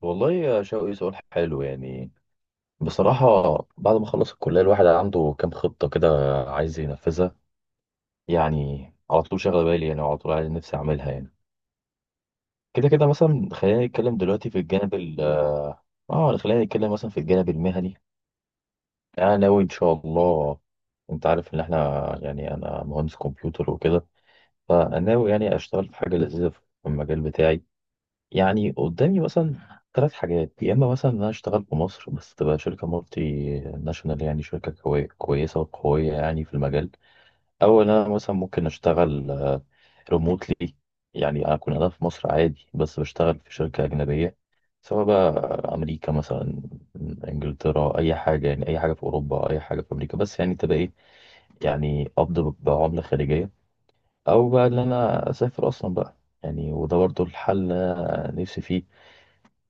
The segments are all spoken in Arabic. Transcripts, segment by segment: والله يا شوقي، سؤال حلو يعني. بصراحة، بعد ما خلص الكلية الواحد عنده كام خطة كده عايز ينفذها. يعني على طول شاغلة بالي يعني، وعلى طول عايز نفسي أعملها يعني. كده كده مثلا خلينا نتكلم دلوقتي في الجانب ال اه خلينا نتكلم مثلا في الجانب المهني. أنا ناوي إن شاء الله. أنت عارف إن إحنا يعني أنا مهندس كمبيوتر وكده. فناوي يعني أشتغل في حاجة لذيذة في المجال بتاعي. يعني قدامي مثلا ثلاث حاجات، يا اما مثلا ان انا اشتغل في مصر بس تبقى شركه مالتي ناشونال، يعني شركه كويسه وقويه يعني في المجال. او ان انا مثلا ممكن اشتغل ريموتلي، يعني اكون انا في مصر عادي بس بشتغل في شركه اجنبيه، سواء بقى امريكا مثلا، انجلترا، اي حاجه، يعني اي حاجه في اوروبا، اي حاجه في امريكا. بس يعني تبقى ايه، يعني قبض بعمله خليجيه. او بقى ان انا اسافر اصلا بقى. يعني وده برضو الحل نفسي فيه.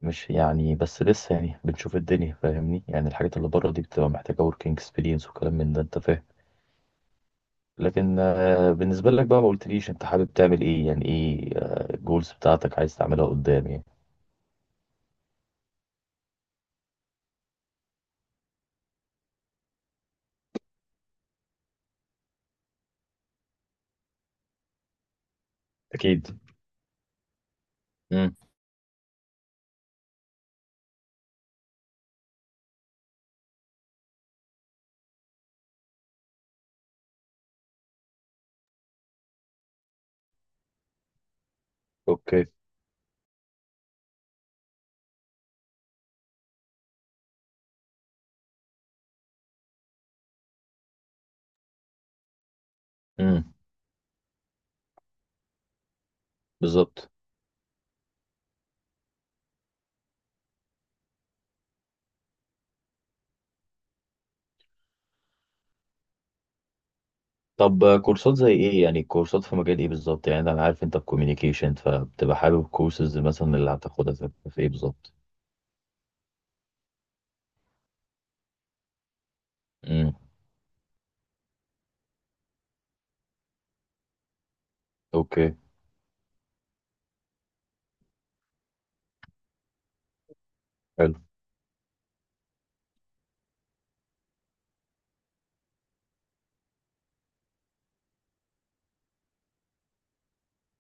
مش يعني بس لسه يعني بنشوف الدنيا، فاهمني؟ يعني الحاجات اللي بره دي بتبقى محتاجة working experience وكلام من ده، انت فاهم. لكن بالنسبة لك بقى، ما قلتليش انت حابب تعمل ايه، يعني ايه الجولز بتاعتك عايز تعملها قدام يعني. اكيد. امم. اوكي. امم. بالظبط. طب كورسات زي ايه يعني؟ كورسات في مجال ايه بالظبط؟ يعني انا عارف انت في communication، فبتبقى حابب كورسز مثلا اللي هتاخدها تبقى في ايه بالظبط. امم. اوكي. حلو.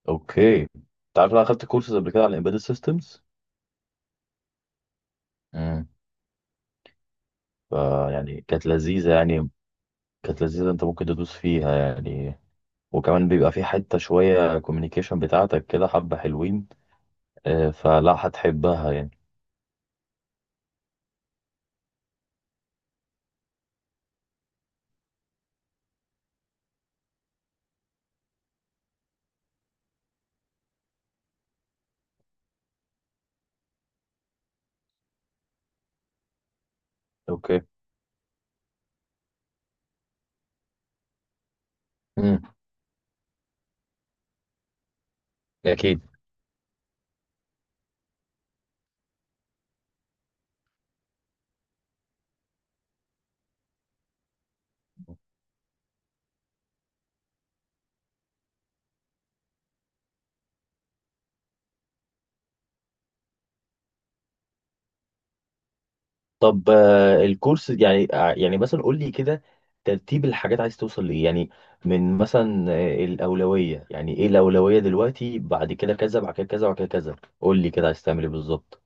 اوكي، انت عارف انا اخدت كورسز قبل كده على embedded systems، فيعني كانت لذيذة يعني. كانت لذيذة، انت ممكن تدوس فيها يعني، وكمان بيبقى في حتة شوية كوميونيكيشن بتاعتك كده حبة حلوين، فلا هتحبها يعني. اوكي. امم. اكيد. طب الكورس يعني يعني مثلا قول لي كده، ترتيب الحاجات عايز توصل لإيه يعني؟ من مثلا الأولوية، يعني إيه الأولوية دلوقتي؟ بعد كده كذا، بعد كده كذا، بعد كده كذا. قول لي كده عايز تعمل إيه بالظبط.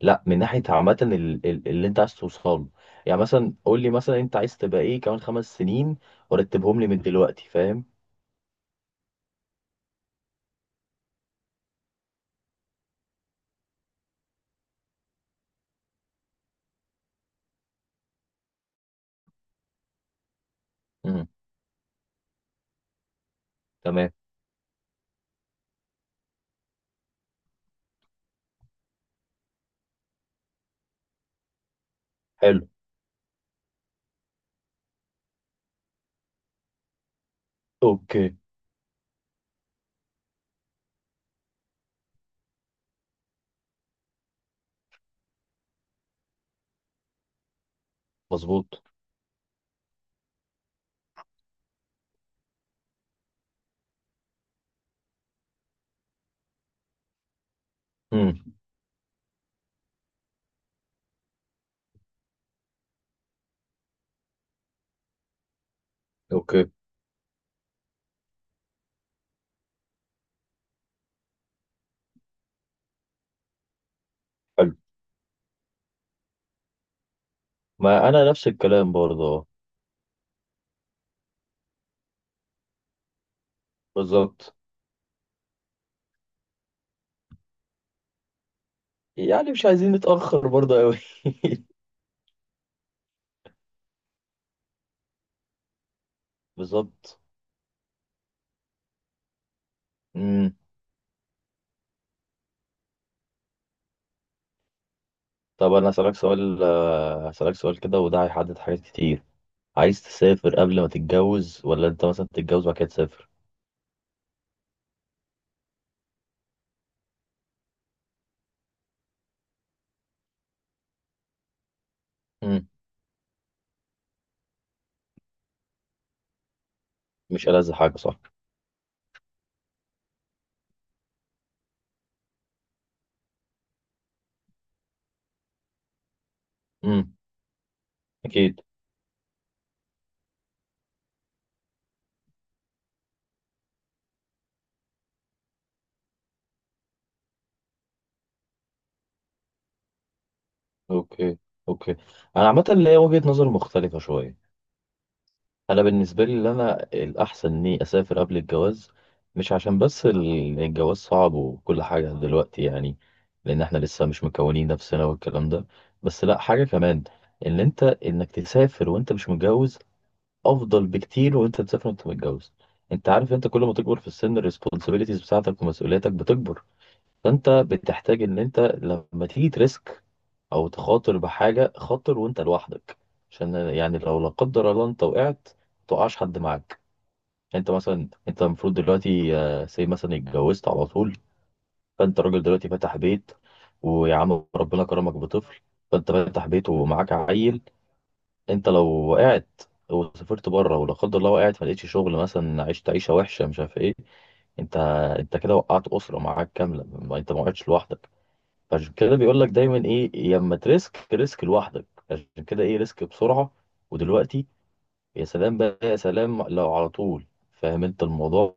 لا، من ناحيه عامه اللي انت عايز توصله، يعني مثلا قول لي، مثلا انت عايز تبقى ايه كمان خمس سنين؟ ورتبهم لي من دلوقتي فاهم. امم. تمام. حلو. اوكي. مظبوط. امم. اوكي. حلو. ما انا نفس الكلام برضه، اه، بالظبط. يعني مش عايزين نتاخر برضه قوي. بالظبط. امم. طب انا هسالك سؤال كده، وده هيحدد حاجات كتير. عايز تسافر قبل ما تتجوز، ولا انت مثلا تتجوز وبعد كده تسافر؟ امم. مش ألذ حاجه، صح. امم. اكيد. اوكي. اوكي، انا عامه ليا وجهه نظر مختلفه شويه. انا بالنسبه لي، اللي انا الاحسن اني اسافر قبل الجواز. مش عشان بس الجواز صعب وكل حاجه دلوقتي يعني، لان احنا لسه مش مكونين نفسنا والكلام ده. بس لا، حاجه كمان، ان انت انك تسافر وانت مش متجوز افضل بكتير وانت تسافر وانت متجوز. انت عارف، انت كل ما تكبر في السن الريسبونسابيلتيز بتاعتك ومسؤولياتك بتكبر. فانت بتحتاج ان انت لما تيجي تريسك او تخاطر بحاجه، خاطر وانت لوحدك. عشان يعني لو لا قدر الله انت وقعت، متوقعش حد معاك. يعني انت مثلا، انت المفروض دلوقتي سي مثلا اتجوزت على طول، فانت راجل دلوقتي فاتح بيت، ويا عم ربنا كرمك بطفل، فانت فاتح بيت ومعاك عيل. انت لو وقعت وسافرت بره ولا قدر الله وقعت، ما لقيتش شغل مثلا، عشت عيشه وحشه، مش عارف ايه. انت انت كده وقعت اسره معاك كامله، ما انت ما وقعتش لوحدك. عشان كده بيقول لك دايما ايه؟ يا اما تريسك، ريسك لوحدك، عشان كده ايه، ريسك بسرعه ودلوقتي. يا سلام بقى، يا سلام لو على طول، فاهم انت الموضوع.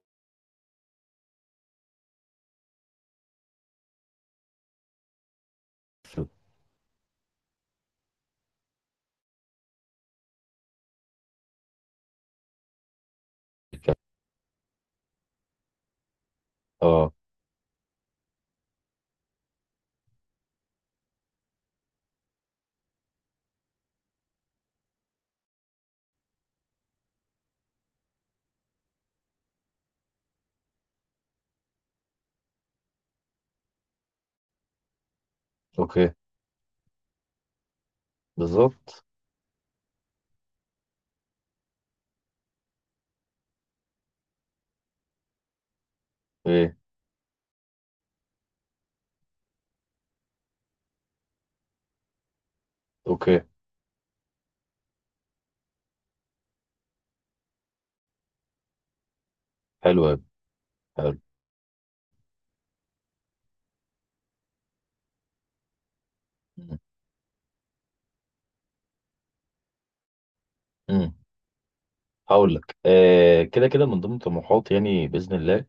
في الك- اه اوكي. بالظبط. ايه. اوكي. حلو أوي. حلو. امم. هقول لك كده كده من ضمن طموحاتي يعني باذن الله،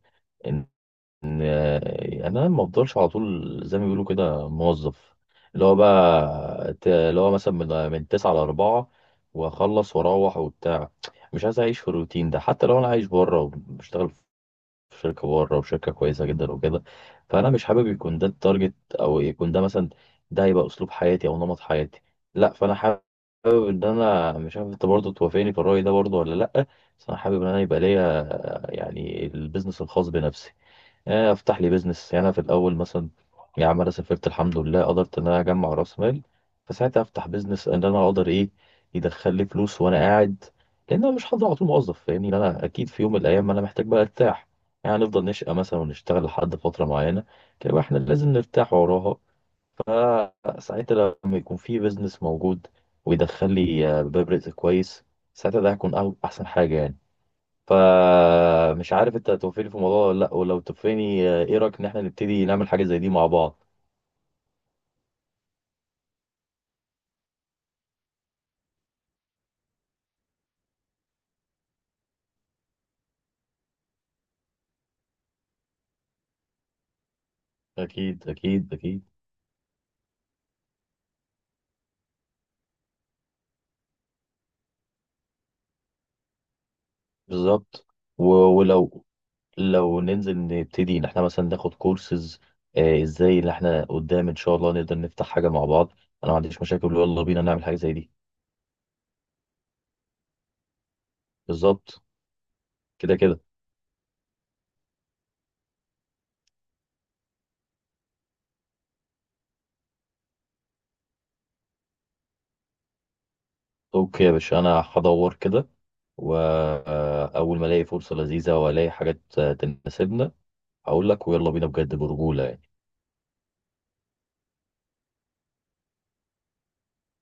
ان انا ما افضلش على طول زي ما بيقولوا كده موظف، اللي هو بقى اللي هو مثلا من 9 ل 4 واخلص واروح وبتاع. مش عايز اعيش في الروتين ده حتى لو انا عايش بره وبشتغل في شركه بره وشركه كويسه جدا وكده. فانا مش حابب يكون ده التارجت، او يكون ده مثلا، ده هيبقى اسلوب حياتي او نمط حياتي. لا، فانا حابب ان انا، مش عارف انت برضه توافقني في الراي ده برضه ولا لا، بس انا حابب ان انا يبقى ليا يعني البيزنس الخاص بنفسي. افتح لي بيزنس، يعني انا في الاول مثلا، يا عم انا سافرت الحمد لله، قدرت ان انا اجمع راس مال، فساعتها افتح بيزنس ان انا اقدر ايه، يدخل لي فلوس وانا قاعد. لان انا مش هفضل على طول موظف، فاهمني، لأن انا اكيد في يوم من الايام انا محتاج بقى ارتاح. يعني نفضل نشقى مثلا ونشتغل لحد فتره معينه، كده احنا لازم نرتاح وراها. فساعتها لما يكون في بيزنس موجود، ويدخل لي باب رزق كويس، ساعتها ده هيكون احسن حاجه يعني. فمش عارف انت هتوافقني في الموضوع ولا لا، ولو توافقني ايه رايك ان احنا نبتدي نعمل حاجه زي دي مع بعض. اكيد اكيد اكيد. بالظبط. و- ولو ننزل نبتدي ان احنا مثلا ناخد كورسز، ازاي ان احنا قدام ان شاء الله نقدر نفتح حاجه مع بعض. انا ما عنديش مشاكل، يلا بينا نعمل حاجه زي دي. بالظبط. كده كده. اوكي يا باشا، انا هدور كده، واول ما الاقي فرصه لذيذه والاقي حاجات تناسبنا، هقول لك ويلا بينا بجد برجوله يعني.